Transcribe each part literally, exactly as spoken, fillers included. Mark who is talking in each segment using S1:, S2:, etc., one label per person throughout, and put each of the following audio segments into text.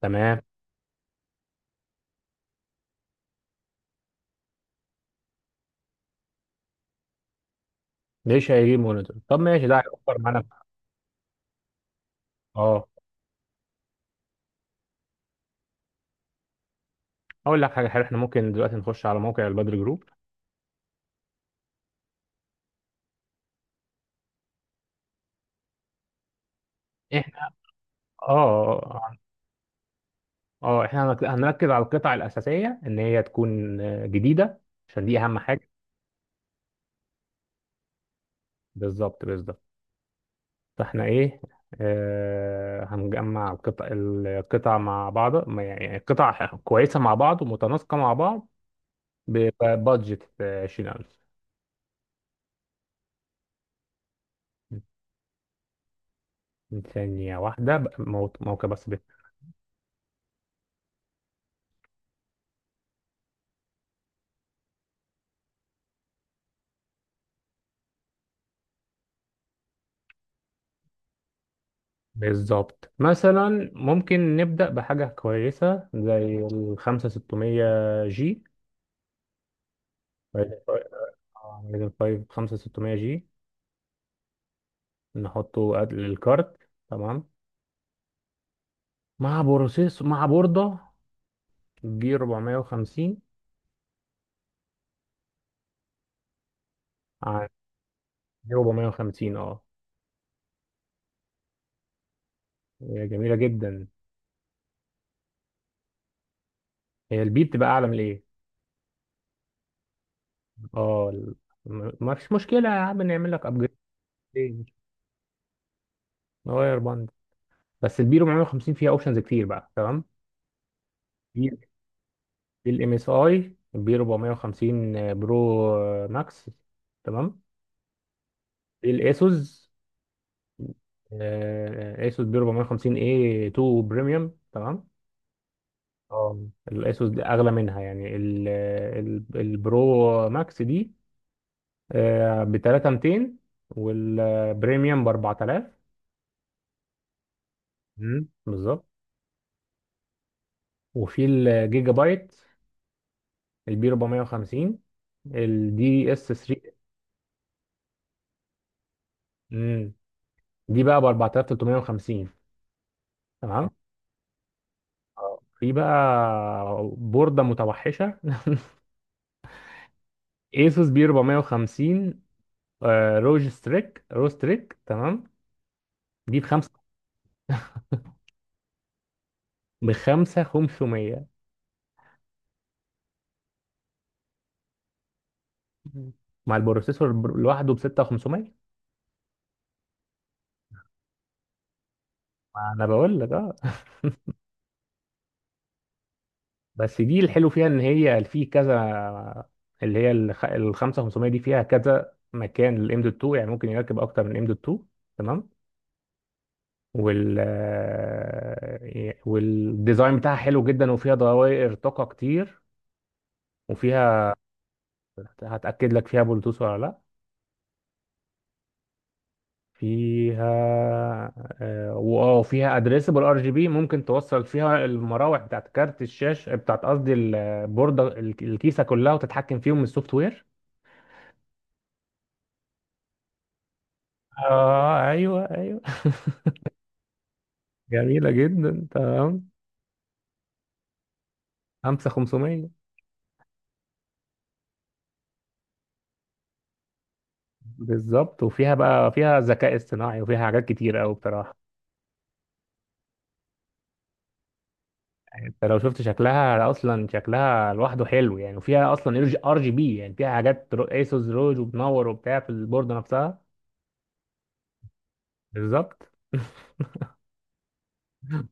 S1: تمام. ليش هيجيب مونيتور؟ طب ماشي، ده هيوفر معانا. اه، اقول لك حاجه حلوه، احنا ممكن دلوقتي نخش على موقع البدر جروب. احنا اه اه آه، آه، احنا هنك- هنركز على القطع الاساسيه ان هي تكون آه، جديده، عشان دي اهم حاجه. بالظبط بالظبط. فاحنا ايه آه هنجمع القطع القطع مع بعض، ما يعني قطع كويسه مع بعض ومتناسقه مع بعض، ببادجت عشرين ألف. ثانيه واحده، بق- مو- موقع بس. بالظبط. مثلا ممكن نبدأ بحاجة كويسة زي الخمسة ستمية جي، رايزن فايف خمسة ستمية جي. نحطه قبل الكارت، تمام، مع بروسيس مع بوردة جي أربعمية وخمسين. عن. جي أربعمية وخمسين، اه هي جميلة جدا. هي البي بتبقى أعلى من الإيه. اه، ال- م- ما فيش مشكلة يا عم، نعمل لك أبجريد، نغير بند. بس البي أربع خمسين فيها أوبشنز كتير بقى، تمام. في الام اس اي بي أربعمية وخمسين برو، آه، ماكس، تمام. في الاسوس، آه، اسوس بي أربعمية وخمسين اي تو بريميوم، تمام. اه الاسوس دي اغلى منها، يعني ال- ال- البرو ماكس دي آه، ب تلاتة وميتين، والبريميوم ب أربعة آلاف. مم. بالظبط. وفي الجيجا بايت البي أربعمية وخمسين الدي اس تلاتة، دي بقى ب أربعة تلتمية وخمسين، تمام. اه في بقى بوردة متوحشة ايسوس بي أربعمية وخمسين آه، روج ستريك رو ستريك تمام. دي بخمسة. بخمسة خمسمية. مع البروسيسور بر- لوحده ب ستة وخمسمية. ما انا بقول لك اه بس دي الحلو فيها ان هي في كذا، اللي هي الخ- ال خمسة وخمسمية دي فيها كذا مكان للام دوت تو، يعني ممكن يركب اكتر من ام دوت اتنين، تمام. وال آه، والديزاين بتاعها حلو جدا وفيها دوائر طاقة كتير وفيها. هتأكد لك فيها بلوتوث ولا لا. فيها، آه، واه فيها ادريسبل ار جي بي. ممكن توصل فيها المراوح بتاعت كارت الشاشه، بتاعت قصدي البورده، الك- الكيسه كلها، وتتحكم فيهم من السوفت وير. اه ايوه ايوه جميله جدا، تمام. خمسة وخمسمية. بالظبط، وفيها بقى فيها ذكاء اصطناعي وفيها حاجات كتير قوي بصراحه. يعني انت لو شفت شكلها اصلا، شكلها لوحده حلو يعني، وفيها اصلا ار جي بي، يعني فيها حاجات، ايسوس روج وبنور وبتاع في البورده نفسها. بالظبط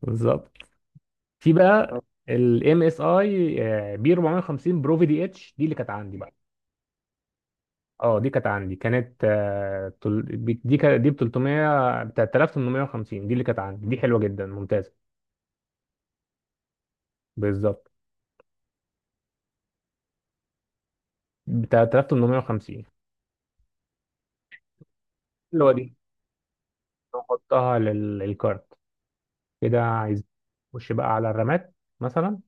S1: بالظبط. في بقى، طب الام اس اي بي أربع خمسين برو في دي اتش دي اللي كانت عندي بقى. اه دي كانت عندي، كانت آه، تل- بي- دي كا- دي ب تلتمية، ب تلاتة تمنمية وخمسين، دي اللي كانت عندي، دي حلوه جدا ممتازه. بالظبط، ب تلاتة تمنمية وخمسين، اللي هو دي. نحطها لل- للكارت كده. عايز نخش بقى على الرامات مثلا.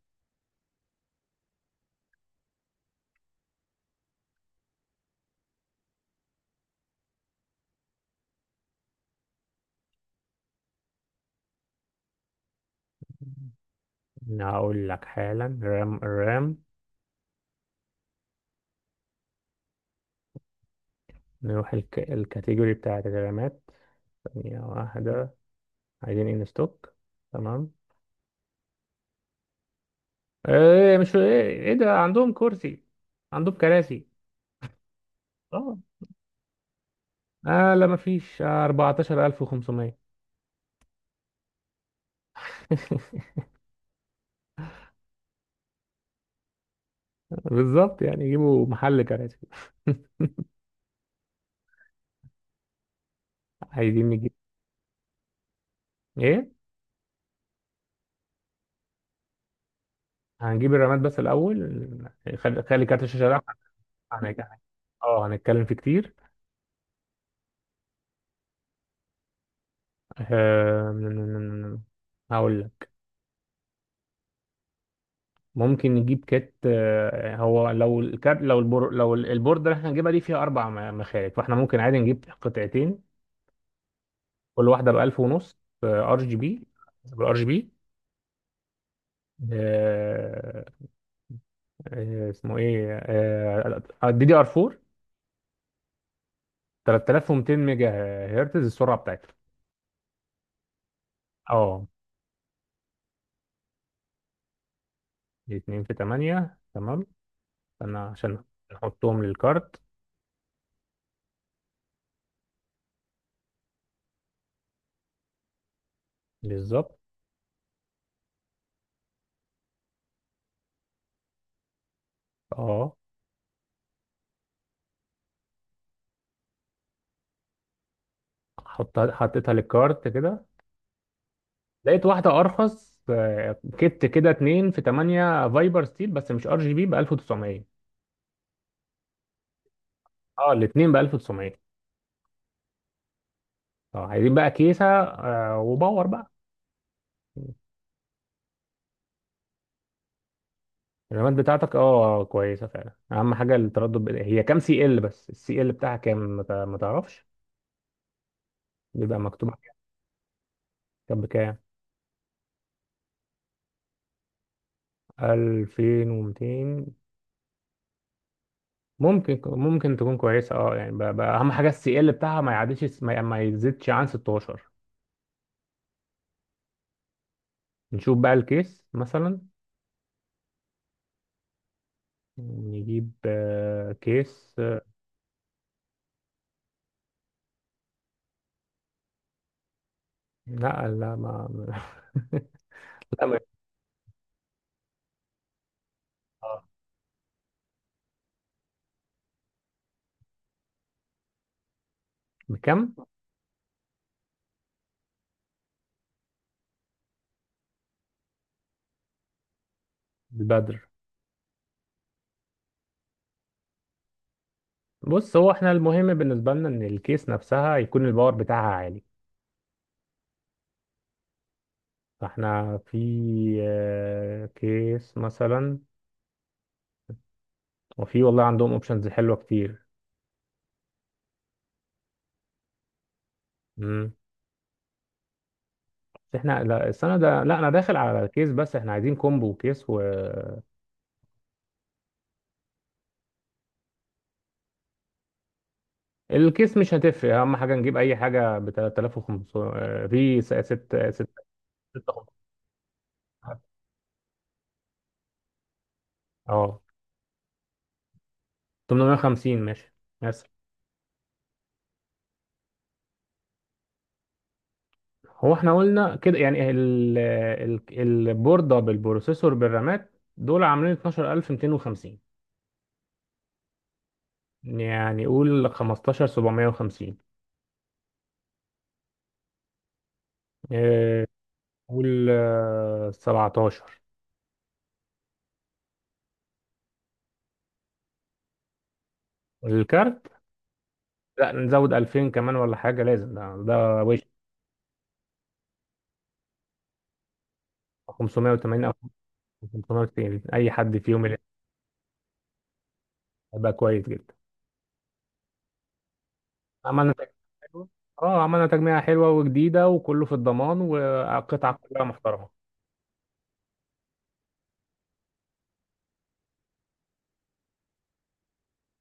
S1: هقول لك حالا. رام الرام نروح الك... الكاتيجوري بتاعت الرامات. ثانية واحدة. عايزين ان ستوك، تمام. ايه مش ايه، إيه ده، عندهم كرسي؟ عندهم كراسي؟ اه اه لا مفيش، آه، أربعتاشر ألف وخمسمية بالظبط، يعني يجيبوا محل كراسي عايزين نجيب ايه. هنجيب الرامات بس الاول. خلي خلي كارت الشاشه ده. هن- اه هنتكلم فيه كتير. آه، هقول لك. ممكن نجيب، كات آه، هو لو الكارت، لو البور لو البورد اللي احنا هنجيبها دي فيها اربع م- مخارج، فاحنا ممكن عادي نجيب قطعتين، كل واحدة ب ألف ونص، ار جي بي، بالار جي بي. آه، آه، اسمه ايه، آه، آه، دي دي ار أربعة تلاتة آلاف ومية ميجا هرتز السرعة بتاعتها. اه دي اتنين في تمانية، تمام، انا عشان نحطهم للكارت. بالظبط. اه حط حطيتها للكارت كده. لقيت واحدة ارخص، آه، كت كده اتنين في تمانية فايبر ستيل بس مش ار جي بي ب ألف وتسعمية. اه الاثنين ب ألف وتسعمية. اه عايزين بقى كيسة آه، وباور بقى. الرامات بتاعتك اه كويسه فعلا. اهم حاجه التردد، ب- هي كام سي ال، بس السي ال بتاعها كام، ما تع- ما تعرفش؟ بيبقى مكتوب عليها. كام بكام؟ ألفين ومتين. ممكن ممكن تكون كويسه، اه، يعني بقى بقى اهم حاجه السي ال بتاعها ما يعديش ما ما يزيدش عن ستة عشر. نشوف بقى الكيس مثلا. نجيب آه، كيس، آه، لا لا ما لا ما. آه. بكم؟ البدر. بص، هو احنا المهم بالنسبه لنا ان الكيس نفسها يكون الباور بتاعها عالي. فاحنا في آه، كيس مثلا. وفي والله عندهم اوبشنز حلوه كتير. امم بس احنا لا، السنه ده لا انا داخل على كيس، بس احنا عايزين كومبو كيس و. الكيس مش هتفرق، اهم حاجه نجيب اي حاجه ب تلات آلاف وخمسمية. آه، في ستة ستة، اه تمنمية وخمسين ماشي مثلا. هو احنا قلنا كده، يعني ال... ال... البورده بالبروسيسور بالرامات، دول عاملين اتناشر ألف ومتين وخمسين. يعني قول خمستاشر وسبعمية وخمسين. إيه، قول آه، سبعة عشر. الكارت. لا نزود ألفين كمان ولا حاجة، لازم ده ده وش. خمسمية وتمانين أو خمسمية وتسعين، أي حد فيهم اللي هيبقى كويس جدا. عملنا تجميعة حلوة. اه عملنا تجميعة حلوة وجديدة، وكله في الضمان، وقطعة كلها محترمة.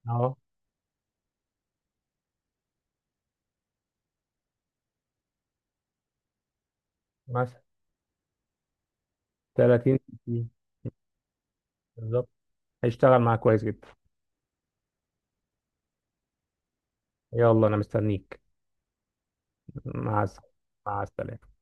S1: اه مثلا تلاتين. بالظبط، هيشتغل معاك كويس جدا. يلا أنا مستنيك. مع السلامة. مع السلامة.